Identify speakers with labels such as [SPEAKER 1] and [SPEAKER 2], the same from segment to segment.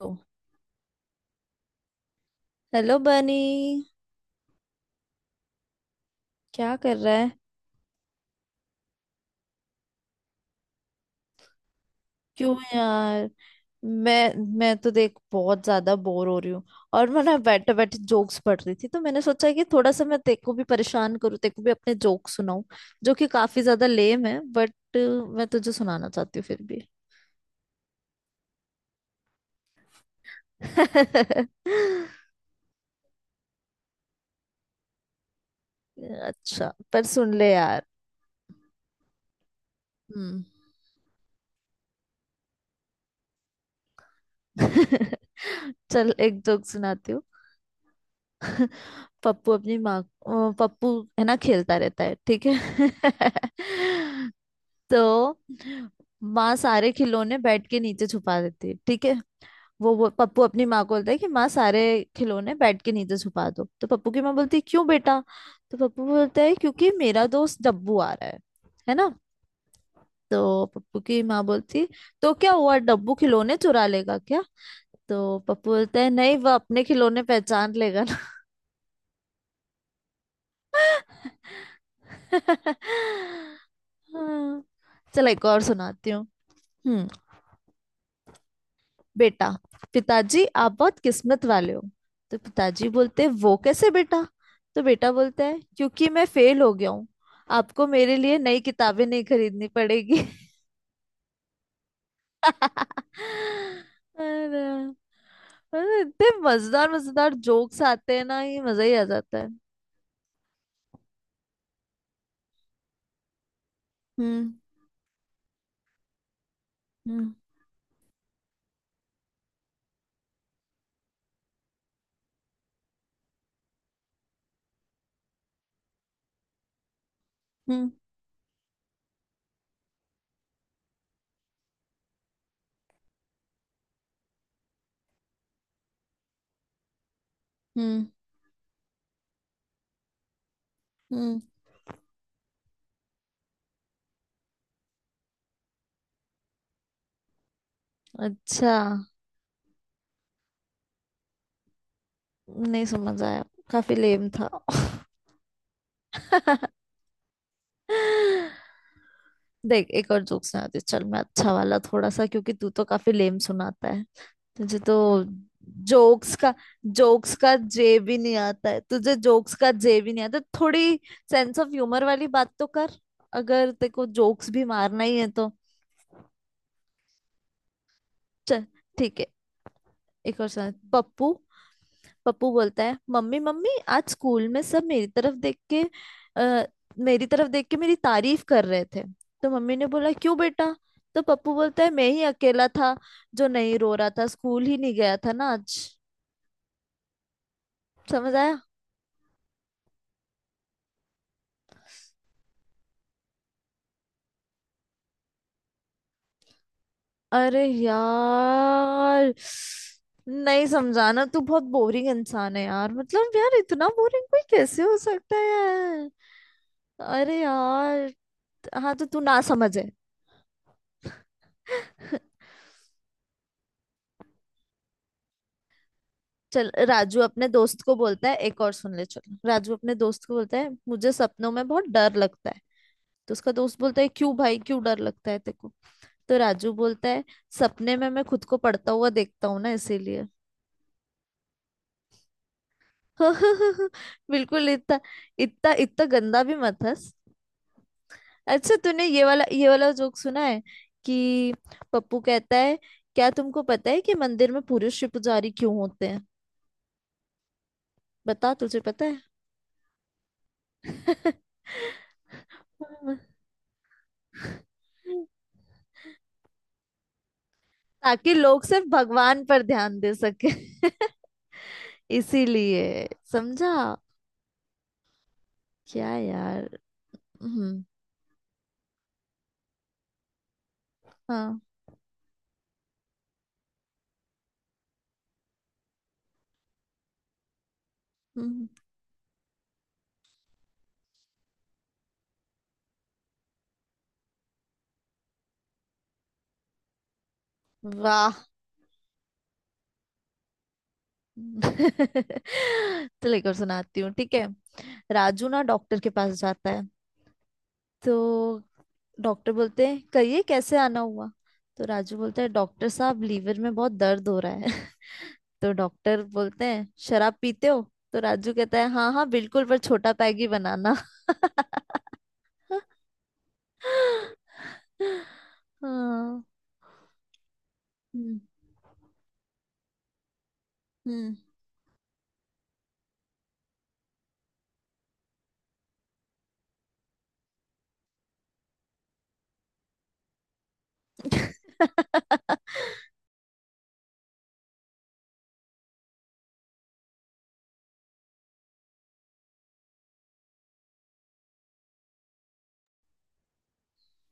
[SPEAKER 1] तो, हेलो बनी। क्या कर रहा है? क्यों यार? मैं तो देख बहुत ज्यादा बोर हो रही हूँ। और मैं ना बैठे बैठे जोक्स पढ़ रही थी तो मैंने सोचा कि थोड़ा सा मैं तेरे को भी परेशान करूँ, तेरे को भी अपने जोक सुनाऊं, जो कि काफी ज्यादा लेम है, बट मैं तुझे सुनाना चाहती हूँ फिर भी। अच्छा, पर सुन ले यार। हम्म। चल, एक जोक सुनाती हूँ। पप्पू अपनी माँ पप्पू, है ना, खेलता रहता है, ठीक है। तो माँ सारे खिलौने बेड के नीचे छुपा देती है, ठीक है। वो पप्पू अपनी माँ को बोलता है कि माँ सारे खिलौने बेड के नीचे छुपा दो। तो पप्पू की माँ बोलती है क्यों बेटा? तो पप्पू बोलता है क्योंकि मेरा दोस्त डब्बू आ रहा है ना। तो पप्पू की माँ बोलती, तो क्या हुआ, डब्बू खिलौने चुरा लेगा क्या? तो पप्पू बोलता है नहीं, वह अपने खिलौने पहचान लेगा। हाँ। चलो, एक और सुनाती हूँ। हम्म। बेटा, पिताजी आप बहुत किस्मत वाले हो। तो पिताजी बोलते हैं वो कैसे बेटा? तो बेटा बोलता है क्योंकि मैं फेल हो गया हूँ, आपको मेरे लिए नई किताबें नहीं खरीदनी पड़ेगी। अरे। अरे, इतने मजेदार मजेदार जोक्स आते हैं ना, ये मजा ही आ जाता है। हम्म, हम्म, हम्म, हम्म, हम्म। अच्छा। नहीं समझ आया, काफी लेम था। देख, एक और जोक सुनाती हूँ। चल, मैं अच्छा वाला थोड़ा सा, क्योंकि तू तो काफी लेम सुनाता है। तुझे तो जोक्स का जोक्स का जे भी नहीं आता है, तुझे जोक्स का जे भी नहीं आता थोड़ी। सेंस ऑफ ह्यूमर वाली बात तो कर, अगर तेरे को जोक्स भी मारना ही है तो। चल, ठीक है। एक और सुना। पप्पू, पप्पू बोलता है मम्मी, मम्मी आज स्कूल में सब मेरी तरफ देख के आ, मेरी तरफ देख के मेरी तारीफ कर रहे थे। तो मम्मी ने बोला क्यों बेटा? तो पप्पू बोलता है मैं ही अकेला था जो नहीं रो रहा था, स्कूल ही नहीं गया था ना आज। समझ आया? अरे यार, नहीं समझाना। तू बहुत बोरिंग इंसान है यार, मतलब यार इतना बोरिंग कोई कैसे हो सकता है यार। अरे यार। हाँ, तो तू ना समझे। चल, राजू अपने दोस्त को बोलता है, एक और सुन ले। चलो, राजू अपने दोस्त को बोलता है मुझे सपनों में बहुत डर लगता है। तो उसका दोस्त बोलता है क्यों भाई, क्यों डर लगता है तेको? तो राजू बोलता है सपने में मैं खुद को पढ़ता हुआ देखता हूँ ना, इसीलिए। बिल्कुल, इतना इतना इतना गंदा भी मत हंस। अच्छा, तूने ये वाला, ये वाला जोक सुना है कि पप्पू कहता है क्या तुमको पता है कि मंदिर में पुरुष ही पुजारी क्यों होते हैं? बता, तुझे पता है? ताकि लोग सिर्फ भगवान पर ध्यान दे सके। इसीलिए, समझा क्या यार। हम्म। हाँ। हम्म। वाह। चलो, एक और सुनाती हूँ, ठीक है। राजू ना डॉक्टर के पास जाता है। तो डॉक्टर बोलते हैं कहिए कैसे आना हुआ? तो राजू बोलता है डॉक्टर साहब, लीवर में बहुत दर्द हो रहा है। तो डॉक्टर बोलते हैं शराब पीते हो? तो राजू कहता है हाँ हाँ बिल्कुल, पर छोटा पैग ही बनाना। हाँ। हम्म, हम्म।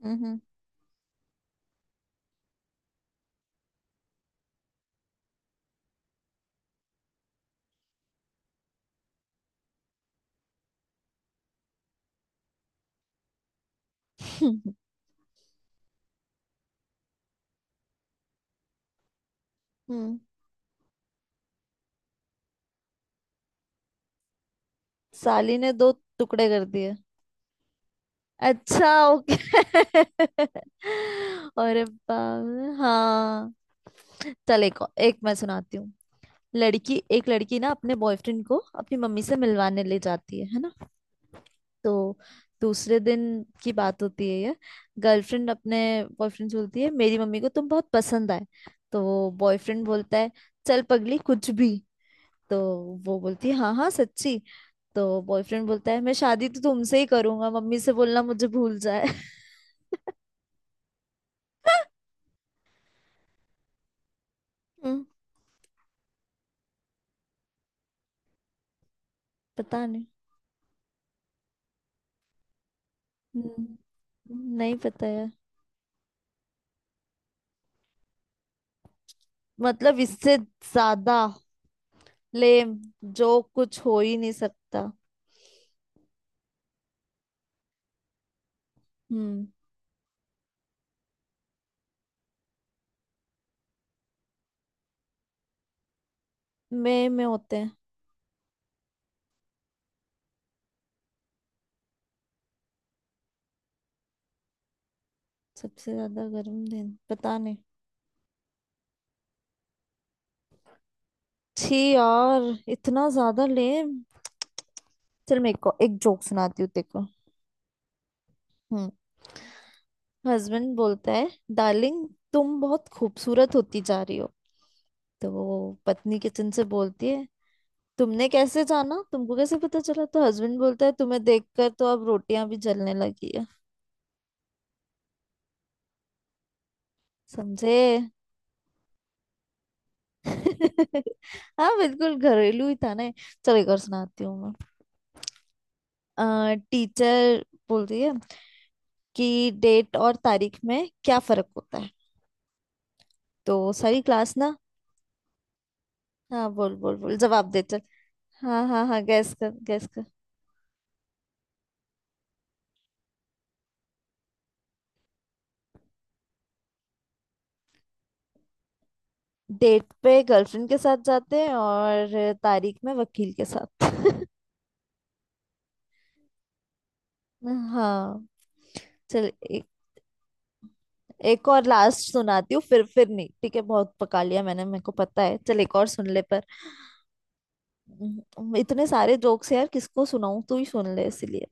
[SPEAKER 1] हम्म। हम्म। साली ने दो टुकड़े कर दिए। अच्छा, ओके। अरे बाप, हाँ। चल, एक मैं सुनाती हूँ। लड़की, एक लड़की ना अपने बॉयफ्रेंड को अपनी मम्मी से मिलवाने ले जाती है ना। तो दूसरे दिन की बात होती है ये। गर्लफ्रेंड अपने बॉयफ्रेंड से बोलती है मेरी मम्मी को तुम बहुत पसंद आए। तो बॉयफ्रेंड बोलता है चल पगली कुछ भी। तो वो बोलती है हाँ हाँ सच्ची। तो बॉयफ्रेंड बोलता है मैं शादी तो तुमसे ही करूंगा, मम्मी से बोलना मुझे भूल जाए। पता नहीं। हम्म, नहीं पता यार। मतलब, इससे ज्यादा लेम जो कुछ हो ही नहीं सकता। हम्म। मई में होते हैं। सबसे ज्यादा गर्म दिन पता नहीं। छी यार, इतना ज्यादा लेम। चल, मेरे को एक जोक सुनाती हूँ देखो। हम्म। हस्बैंड बोलता है डार्लिंग, तुम बहुत खूबसूरत होती जा रही हो। तो वो पत्नी किचन से बोलती है तुमने कैसे जाना, तुमको कैसे पता चला? तो हस्बैंड बोलता है तुम्हें देखकर तो अब रोटियां भी जलने लगी है। समझे? हाँ बिल्कुल घरेलू ही था ना ये। चलो, एक और सुनाती हूँ। मैं टीचर बोलती है कि डेट और तारीख में क्या फर्क होता है? तो सारी क्लास ना। हाँ, बोल बोल बोल, जवाब दे चल। हाँ हाँ हाँ, गैस कर गैस कर। डेट पे गर्लफ्रेंड के साथ जाते हैं और तारीख में वकील के साथ। हाँ। चल एक एक और लास्ट सुनाती हूँ, फिर नहीं, ठीक है। बहुत पका लिया मैंने, मेरे को पता है। चल, एक और सुन ले पर। इतने सारे जोक्स यार किसको सुनाऊं, तू ही सुन ले इसलिए।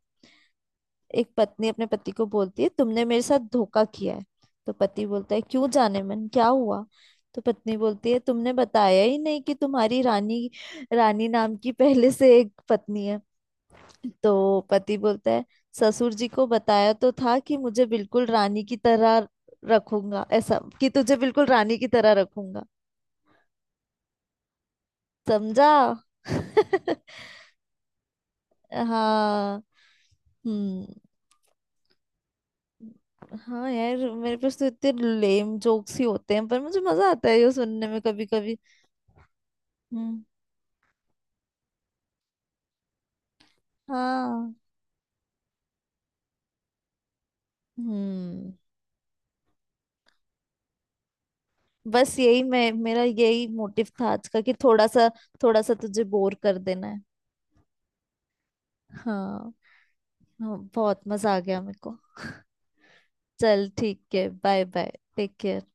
[SPEAKER 1] एक पत्नी अपने पति को बोलती है तुमने मेरे साथ धोखा किया है। तो पति बोलता है क्यों जाने मन, क्या हुआ? तो पत्नी बोलती है तुमने बताया ही नहीं कि तुम्हारी रानी, रानी नाम की पहले से एक पत्नी है। तो पति बोलता है ससुर जी को बताया तो था कि मुझे बिल्कुल रानी की तरह रखूंगा, ऐसा कि तुझे बिल्कुल रानी की तरह रखूंगा। समझा? हाँ। हम्म। हाँ यार, मेरे पास तो इतने लेम जोक्स ही होते हैं, पर मुझे मजा आता है ये सुनने में कभी कभी। हम्म। हाँ। हम्म। बस यही, मैं मेरा यही मोटिव था आज का कि थोड़ा सा, थोड़ा सा तुझे बोर कर देना है। हाँ। हाँ, बहुत मजा आ गया मेरे को। चल ठीक है, बाय बाय, टेक केयर।